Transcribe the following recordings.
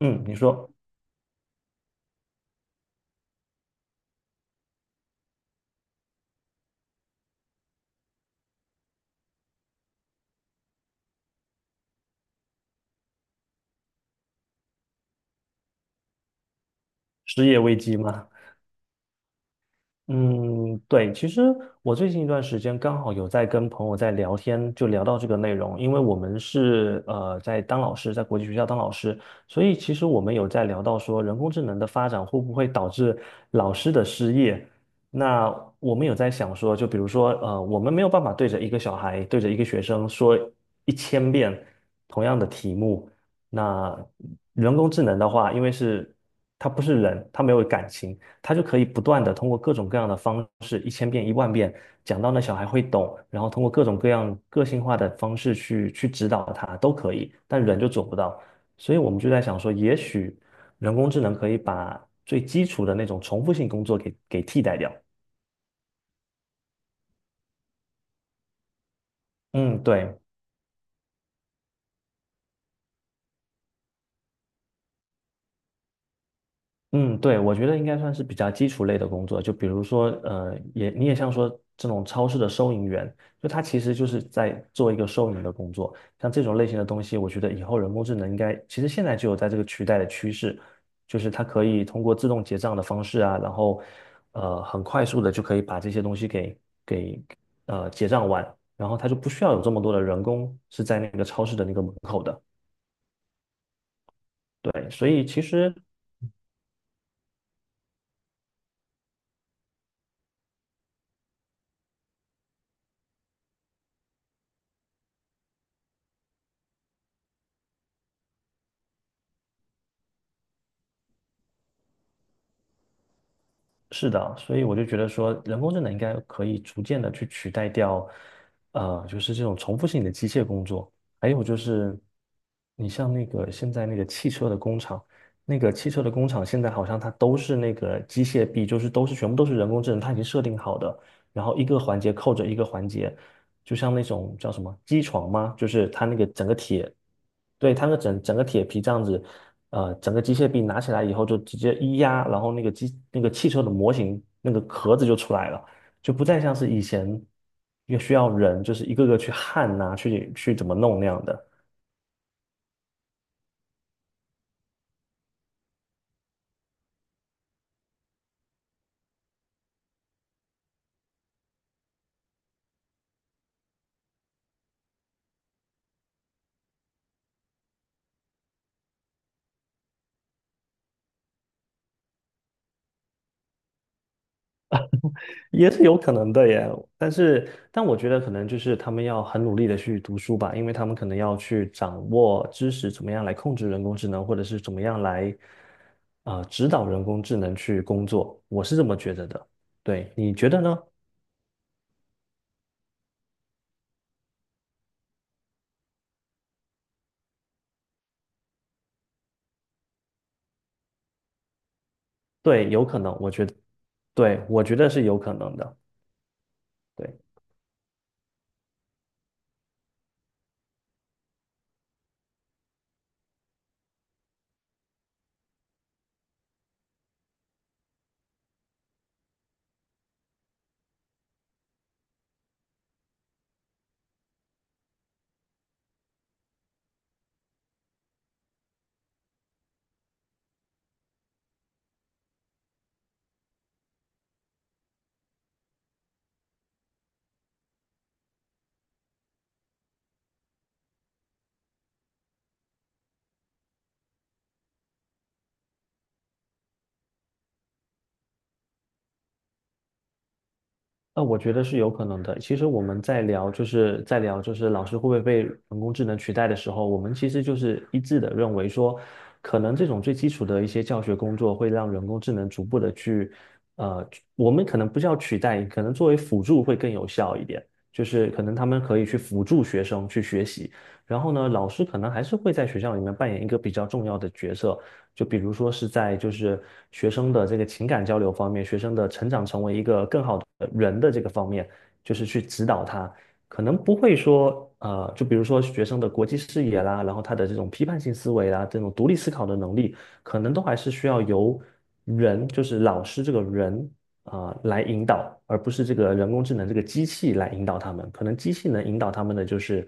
嗯，你说失业危机吗？嗯，对，其实我最近一段时间刚好有在跟朋友在聊天，就聊到这个内容，因为我们是在当老师，在国际学校当老师，所以其实我们有在聊到说人工智能的发展会不会导致老师的失业。那我们有在想说，就比如说,我们没有办法对着一个小孩，对着一个学生说一千遍同样的题目。那人工智能的话，因为是它不是人，它没有感情。他就可以不断的通过各种各样的方式，1000遍、10000遍讲到那小孩会懂，然后通过各种各样个性化的方式去指导他都可以，但人就做不到。所以我们就在想说，也许人工智能可以把最基础的那种重复性工作给替代掉。嗯，对。嗯，对，我觉得应该算是比较基础类的工作，就比如说，也你也像说这种超市的收银员，就他其实就是在做一个收银的工作。像这种类型的东西，我觉得以后人工智能应该，其实现在就有在这个取代的趋势，就是它可以通过自动结账的方式啊，然后，很快速的就可以把这些东西给结账完，然后它就不需要有这么多的人工是在那个超市的那个门口的。对，所以其实。是的，所以我就觉得说，人工智能应该可以逐渐的去取代掉，就是这种重复性的机械工作。还有就是，你像那个现在那个汽车的工厂，那个汽车的工厂现在好像它都是那个机械臂，就是都是全部都是人工智能，它已经设定好的，然后一个环节扣着一个环节，就像那种叫什么机床吗？就是它那个整个铁，对，它那个整个铁皮这样子，整个机械臂拿起来以后就直接一压，然后那个机那个汽车的模型那个壳子就出来了，就不再像是以前也需要人就是一个个去焊呐、去怎么弄那样的。也是有可能的耶，但我觉得可能就是他们要很努力的去读书吧，因为他们可能要去掌握知识，怎么样来控制人工智能，或者是怎么样来，指导人工智能去工作，我是这么觉得的。对，你觉得呢？对，有可能，我觉得，对，我觉得是有可能的。对。那我觉得是有可能的。其实我们在聊，就是老师会不会被人工智能取代的时候，我们其实就是一致的认为说，可能这种最基础的一些教学工作会让人工智能逐步的去，呃，我们可能不叫取代，可能作为辅助会更有效一点。就是可能他们可以去辅助学生去学习，然后呢，老师可能还是会在学校里面扮演一个比较重要的角色，就比如说是在学生的这个情感交流方面，学生的成长成为一个更好的人的这个方面，就是去指导他，可能不会说就比如说学生的国际视野啦，然后他的这种批判性思维啦，这种独立思考的能力，可能都还是需要由人，就是老师这个人啊，来引导，而不是这个人工智能这个机器来引导他们。可能机器能引导他们的就是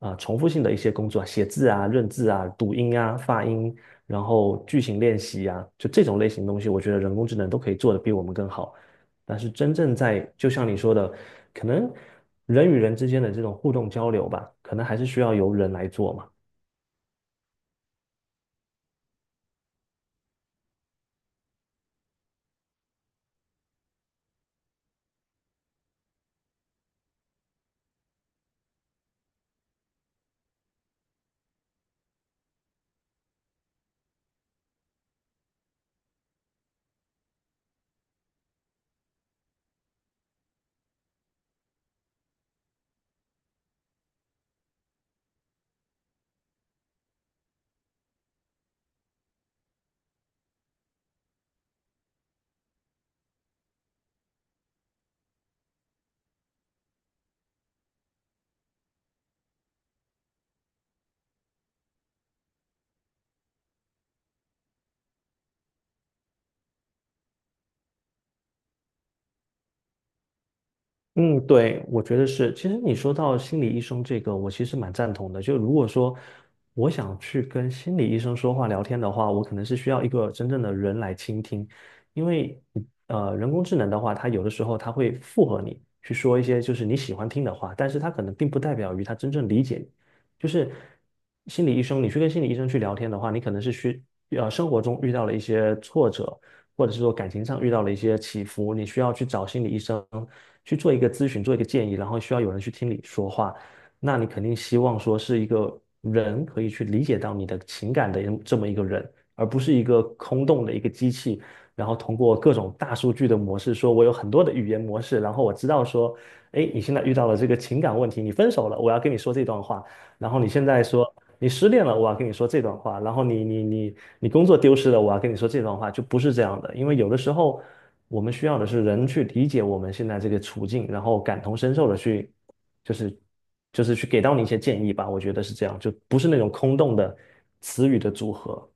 重复性的一些工作，写字啊、认字啊、读音啊、发音然后剧情练习呀，就这种类型的东西，我觉得人工智能都可以做得比我们更好。但是真正在，就像你说的，可能人与人之间的这种互动交流吧，可能还是需要由人来做嘛。嗯，对，我觉得是。其实你说到心理医生这个，我其实蛮赞同的。就如果说我想去跟心理医生说话聊天的话，我可能是需要一个真正的人来倾听，因为人工智能的话，它有的时候它会附和你去说一些就是你喜欢听的话，但是它可能并不代表于它真正理解你。就是心理医生，你去跟心理医生去聊天的话，你可能是生活中遇到了一些挫折，或者是说感情上遇到了一些起伏，你需要去找心理医生去做一个咨询，做一个建议，然后需要有人去听你说话，那你肯定希望说是一个人可以去理解到你的情感的这么一个人，而不是一个空洞的一个机器。然后通过各种大数据的模式，说我有很多的语言模式，然后我知道说，哎，你现在遇到了这个情感问题，你分手了，我要跟你说这段话，然后你现在说，你失恋了，我要跟你说这段话；然后你工作丢失了，我要跟你说这段话，就不是这样的。因为有的时候，我们需要的是人去理解我们现在这个处境，然后感同身受的去，就是就是去给到你一些建议吧。我觉得是这样，就不是那种空洞的词语的组合。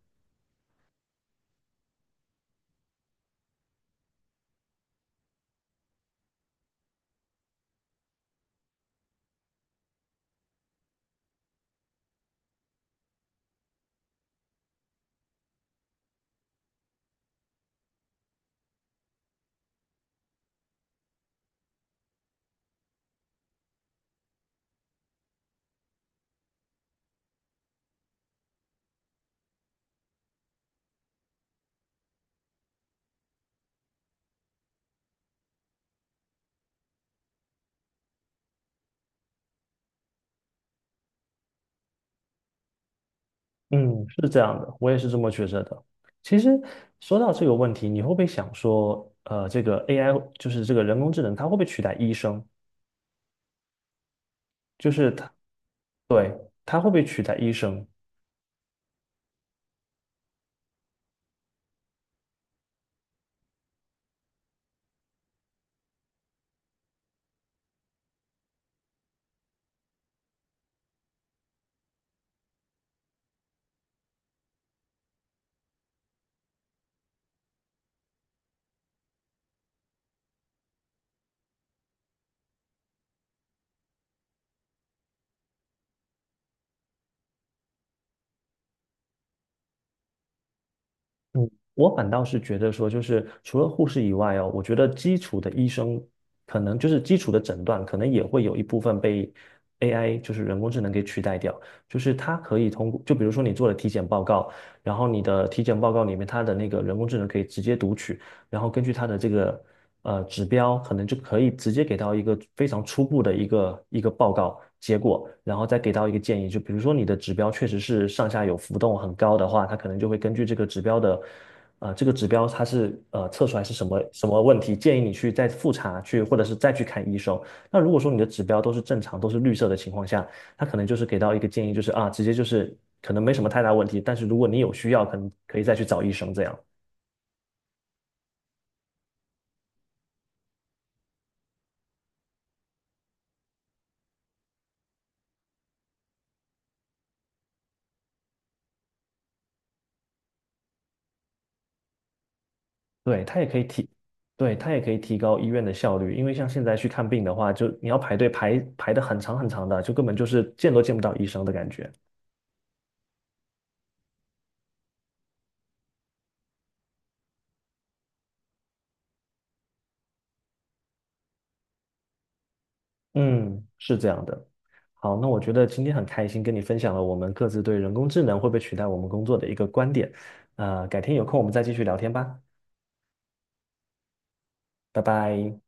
嗯，是这样的，我也是这么觉着的。其实说到这个问题，你会不会想说，这个 AI 就是这个人工智能，它会不会取代医生？就是它，对，它会不会取代医生？嗯，我反倒是觉得说，就是除了护士以外哦，我觉得基础的医生可能就是基础的诊断，可能也会有一部分被 AI,就是人工智能给取代掉。就是它可以通过，就比如说你做了体检报告，然后你的体检报告里面它的那个人工智能可以直接读取，然后根据它的这个指标，可能就可以直接给到一个非常初步的一个报告结果，然后再给到一个建议。就比如说你的指标确实是上下有浮动很高的话，它可能就会根据这个指标的。这个指标它是测出来是什么什么问题，建议你去再复查去，或者是再去看医生。那如果说你的指标都是正常，都是绿色的情况下，他可能就是给到一个建议，就是啊，直接就是可能没什么太大问题，但是如果你有需要，可能可以再去找医生这样。对，它也可以提，对，它也可以提高医院的效率，因为像现在去看病的话，就你要排队排的很长很长的，就根本就是见都见不到医生的感觉。嗯，是这样的。好，那我觉得今天很开心跟你分享了我们各自对人工智能会不会取代我们工作的一个观点。改天有空我们再继续聊天吧，拜拜。